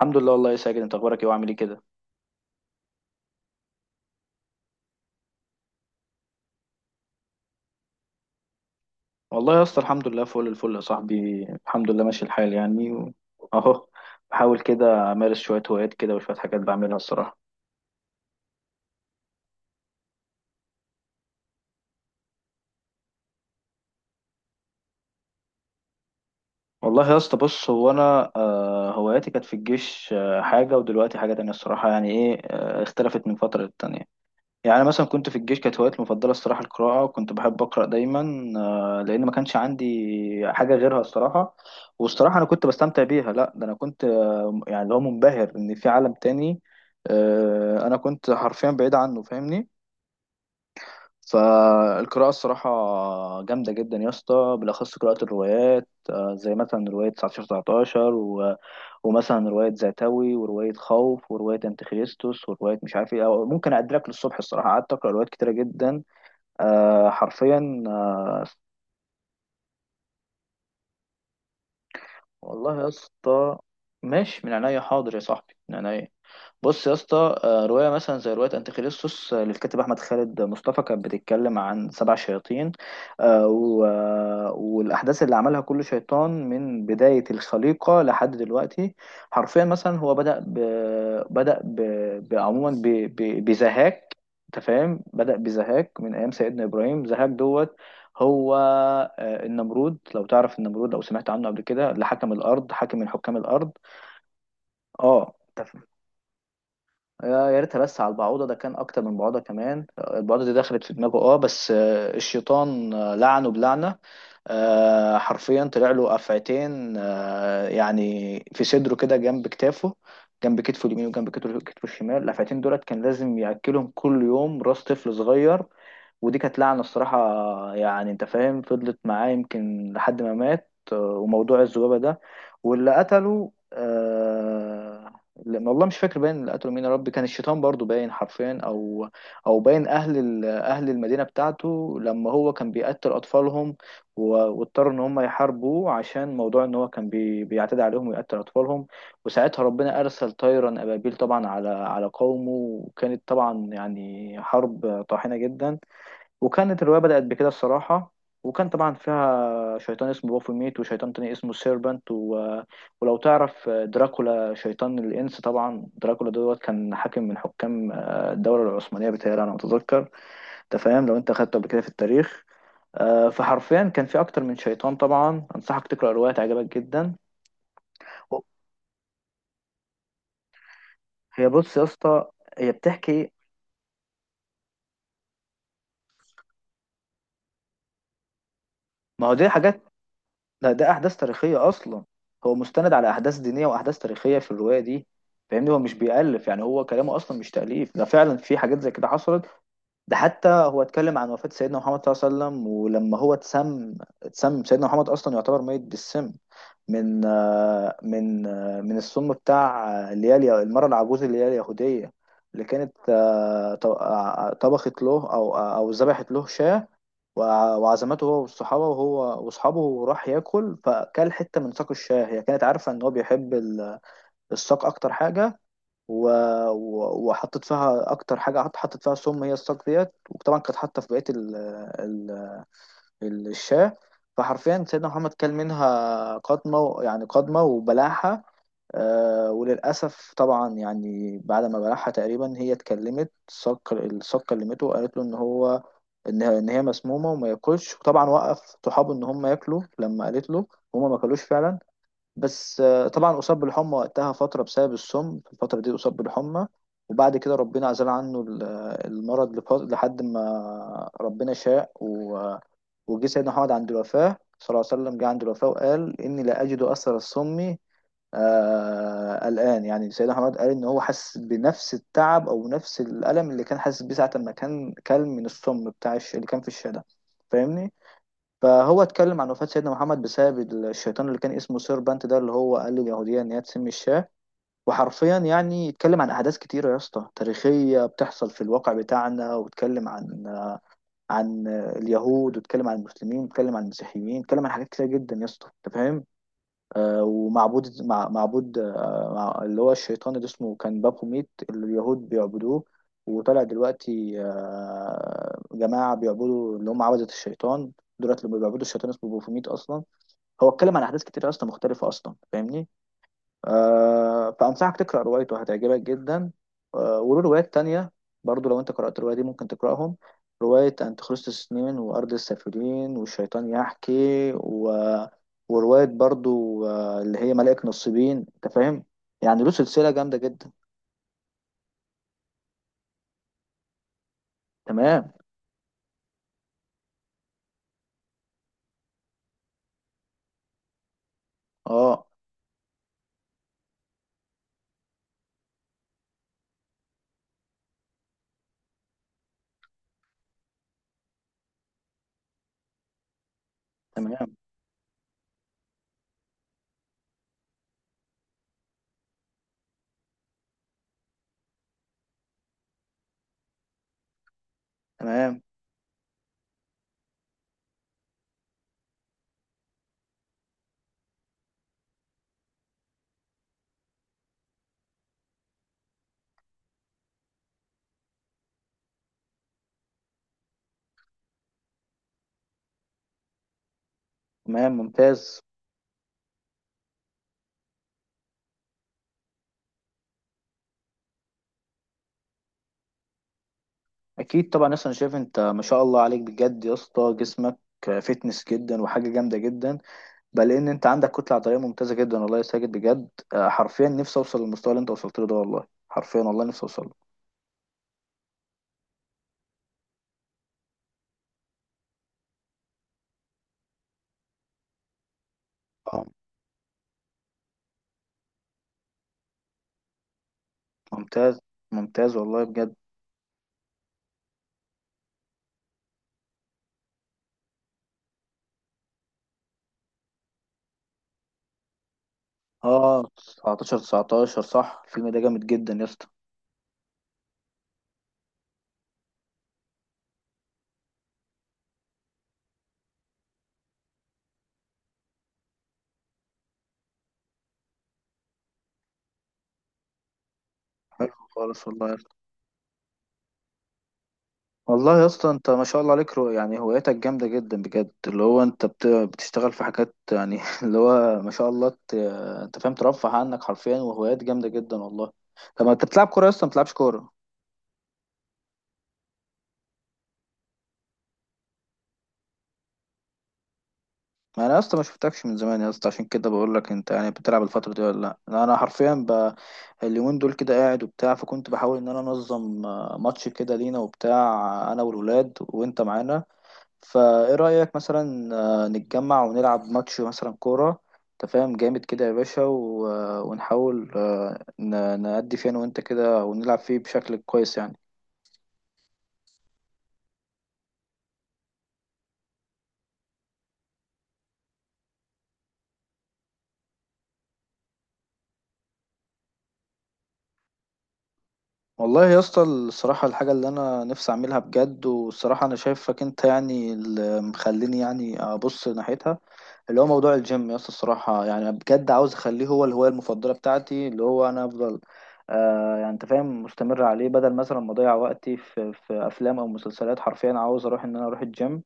الحمد لله، والله يا ساجد، انت اخبارك ايه وعامل ايه كده؟ والله يا اسطى، الحمد لله فل الفل يا صاحبي، الحمد لله ماشي الحال يعني اهو، بحاول كده امارس شويه هوايات كده وشويه حاجات بعملها الصراحه. والله يا اسطى، بص هو انا هواياتي كانت في الجيش حاجه، ودلوقتي حاجه تانية الصراحه، يعني ايه اختلفت من فتره للتانية. يعني مثلا كنت في الجيش كانت هوايتي المفضلة الصراحة القراءة، وكنت بحب أقرأ دايما لأن ما كانش عندي حاجة غيرها الصراحة. والصراحة أنا كنت بستمتع بيها، لا ده أنا كنت يعني اللي هو منبهر إن في عالم تاني أنا كنت حرفيا بعيد عنه، فاهمني؟ فالقراءة الصراحة جامدة جدا يا اسطى، بالأخص قراءة الروايات زي مثلا رواية 19 19 ومثلا رواية زاتوي، ورواية خوف، ورواية أنتيخريستوس، ورواية مش عارف ايه، أو ممكن أدرك للصبح، الصراحة قعدت أقرأ روايات كتيرة جدا حرفيا والله يا اسطى ماشي، من عينيا، حاضر يا صاحبي، من عينيا. بص يا اسطى، رواية مثلا زي رواية أنتيخريستوس للكاتب أحمد خالد مصطفى، كانت بتتكلم عن سبع شياطين والأحداث اللي عملها كل شيطان من بداية الخليقة لحد دلوقتي. حرفيا مثلا هو بدأ ب... بدأ ب... ب... عموما ب... ب... بزهاك، أنت فاهم؟ بدأ بزهاك من أيام سيدنا إبراهيم، زهاك دوت، هو النمرود، لو تعرف النمرود، لو سمعت عنه قبل كده، اللي حكم الأرض، حاكم من حكام الأرض. اه، يا ريتها بس على البعوضة، ده كان أكتر من بعوضة كمان، البعوضة دي دخلت في دماغه، اه بس الشيطان لعنه بلعنة، حرفيا طلع له أفعتين يعني في صدره كده جنب كتافه، جنب كتفه اليمين وجنب كتفه الشمال، الأفعتين دولت كان لازم يأكلهم كل يوم راس طفل صغير، ودي كانت لعنة الصراحة، يعني انت فاهم، فضلت معاه يمكن لحد ما مات وموضوع الذبابة ده، واللي قتله لأن والله مش فاكر باين اللي قتلوا مين، يا رب كان الشيطان برضو، باين حرفيا، او باين اهل المدينه بتاعته لما هو كان بيقتل اطفالهم، واضطر ان هم يحاربوه عشان موضوع ان هو كان بيعتدي عليهم ويقتل اطفالهم، وساعتها ربنا ارسل طيرا ابابيل طبعا على قومه، وكانت طبعا يعني حرب طاحنه جدا. وكانت الرواية بدأت بكده الصراحة، وكان طبعا فيها شيطان اسمه بافوميت، وشيطان تاني اسمه سيربنت ولو تعرف دراكولا، شيطان الإنس طبعا، دراكولا دوت كان حاكم من حكام الدولة العثمانية، بتهيألي أنا متذكر، أنت فاهم؟ لو أنت أخدته قبل كده في التاريخ. فحرفيا كان في أكتر من شيطان، طبعا أنصحك تقرأ الرواية، تعجبك جدا. هي بص يا اسطى، هي بتحكي، ما هو دي حاجات، لا ده احداث تاريخيه اصلا، هو مستند على احداث دينيه واحداث تاريخيه في الروايه دي، فاهمني؟ هو مش بيألف، يعني هو كلامه اصلا مش تأليف، ده فعلا في حاجات زي كده حصلت، ده حتى هو اتكلم عن وفاة سيدنا محمد صلى الله عليه وسلم، ولما هو اتسم سيدنا محمد أصلا يعتبر ميت بالسم، من السم بتاع اللي هي المرأة العجوز اللي هي اليهودية، اللي كانت طبخت له، أو ذبحت له شاة، وعزمته هو والصحابة، وهو وأصحابه، وراح ياكل، فكل حتة من ساق الشاه، هي كانت عارفة إن هو بيحب الساق أكتر حاجة، و... وحطيت فيها اكتر حاجه، حطيت فيها سم، هي الصاج ديت، وطبعا كانت حاطه في بقيه ال... الشاه. فحرفيا سيدنا محمد كل منها قضمه يعني قضمه وبلعها، وللاسف طبعا يعني بعد ما بلعها تقريبا هي اتكلمت، الصاج كلمته، وقالت له ان هو، ان هي مسمومه وما ياكلش، وطبعا وقف صحابه ان هم ياكلوا لما قالت له، هما ما كلوش فعلا، بس طبعا أصاب بالحمى وقتها فترة، بسبب السم في الفترة دي أصاب بالحمى، وبعد كده ربنا عزل عنه المرض لحد ما ربنا شاء وجه سيدنا محمد عند الوفاة صلى الله عليه وسلم، جه عند الوفاة وقال إني لا أجد أثر السم الآن، يعني سيدنا محمد قال إن هو حس بنفس التعب أو نفس الألم اللي كان حاسس بيه ساعة ما كان كل من السم بتاع اللي كان في الشارع، فاهمني؟ فهو اتكلم عن وفاة سيدنا محمد بسبب الشيطان اللي كان اسمه سيربانت ده، اللي هو قال لليهودية إن هي تسمي الشاه. وحرفيا يعني اتكلم عن أحداث كتيرة يا اسطى تاريخية بتحصل في الواقع بتاعنا، واتكلم عن اليهود، واتكلم عن المسلمين، واتكلم عن المسيحيين، اتكلم عن حاجات كتيرة جدا يا اسطى، أنت فاهم، ومعبود مع معبود مع اللي هو الشيطان اللي اسمه كان بابوميت اللي اليهود بيعبدوه، وطلع دلوقتي جماعة بيعبدوا اللي هم عبدة الشيطان، دولت اللي بيعبدوا الشيطان اسمه بابوميت أصلا. هو اتكلم عن أحداث كتير أصلا مختلفة أصلا، فاهمني؟ فأنصحك تقرأ روايته، هتعجبك جدا وله روايات تانية برضو، لو أنت قرأت الرواية دي ممكن تقرأهم، رواية أنتيخريستوس نين، وأرض السافلين، والشيطان يحكي ورواية برضو اللي هي ملائكة نصيبين، أنت فاهم، يعني له سلسلة جامدة جدا. تمام. أه. تمام، تمام، تمام. ممتاز. أكيد طبعا، أصلا شايف أنت ما شاء الله عليك بجد يا اسطى، جسمك فتنس جدا، وحاجة جامدة جدا، بل ان انت عندك كتله عضليه ممتازه جدا والله يا ساجد بجد. حرفيا نفسي اوصل للمستوى اللي انت وصلت له ده، والله حرفيا، والله نفسي اوصل له. اه. ممتاز، ممتاز والله بجد. اه، 19 19 صح، الفيلم ده جامد جدا يا اسطى. حلو خالص والله يا اسطى. والله يا اسطى انت ما شاء الله عليك، يعني هوايتك جامده جدا بجد، اللي هو انت بتشتغل في حاجات يعني اللي هو ما شاء الله انت فاهم، ترفه عنك حرفيا، وهوايات جامده جدا والله. طب ما انت بتلعب كوره يا اسطى؟ ما بتلعبش كوره؟ ما انا اصلا ما شفتكش من زمان يا اسطى، عشان كده بقول لك، انت يعني بتلعب الفتره دي ولا لا؟ أنا حرفيا اليومين دول كده قاعد وبتاع، فكنت بحاول ان انا انظم ماتش كده لينا وبتاع، انا والولاد وانت معانا، فايه رايك مثلا نتجمع ونلعب ماتش مثلا كوره، انت فاهم؟ جامد كده يا باشا و... آه، ونحاول نأدي فيه انا وانت كده، ونلعب فيه بشكل كويس يعني. والله يا اسطى الصراحة، الحاجة اللي أنا نفسي أعملها بجد، والصراحة أنا شايفك أنت يعني اللي مخليني يعني أبص ناحيتها، اللي هو موضوع الجيم يا اسطى الصراحة، يعني بجد عاوز اخليه هو الهواية المفضلة بتاعتي، اللي هو انا افضل يعني انت فاهم مستمر عليه، بدل مثلا ما اضيع وقتي في افلام او مسلسلات، حرفيا عاوز اروح ان انا اروح الجيم،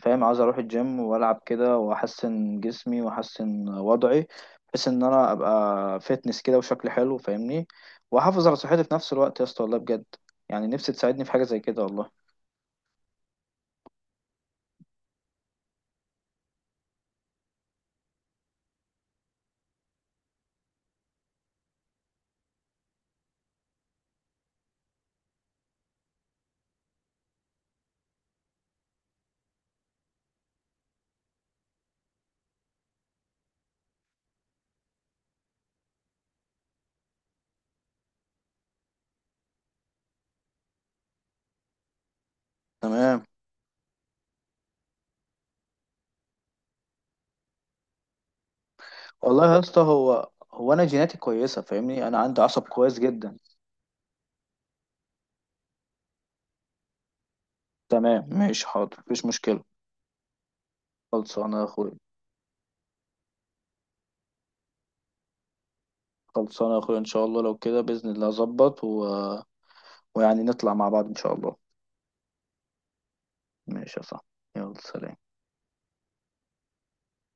فاهم؟ عاوز اروح الجيم والعب كده، واحسن جسمي واحسن وضعي، بحيث ان انا ابقى فيتنس كده وشكل حلو، فاهمني، واحافظ على صحتي في نفس الوقت يا اسطى والله بجد، يعني نفسي تساعدني في حاجة زي كده والله. تمام. والله يا اسطى، هو انا جيناتي كويسة، فاهمني، انا عندي عصب كويس جدا. تمام، ماشي، حاضر، مفيش مشكلة. خلصانة يا اخويا. خلصانة يا اخويا، ان شاء الله لو كده بإذن الله اظبط ويعني نطلع مع بعض ان شاء الله. ماشي يا صاحبي، يلا سلام.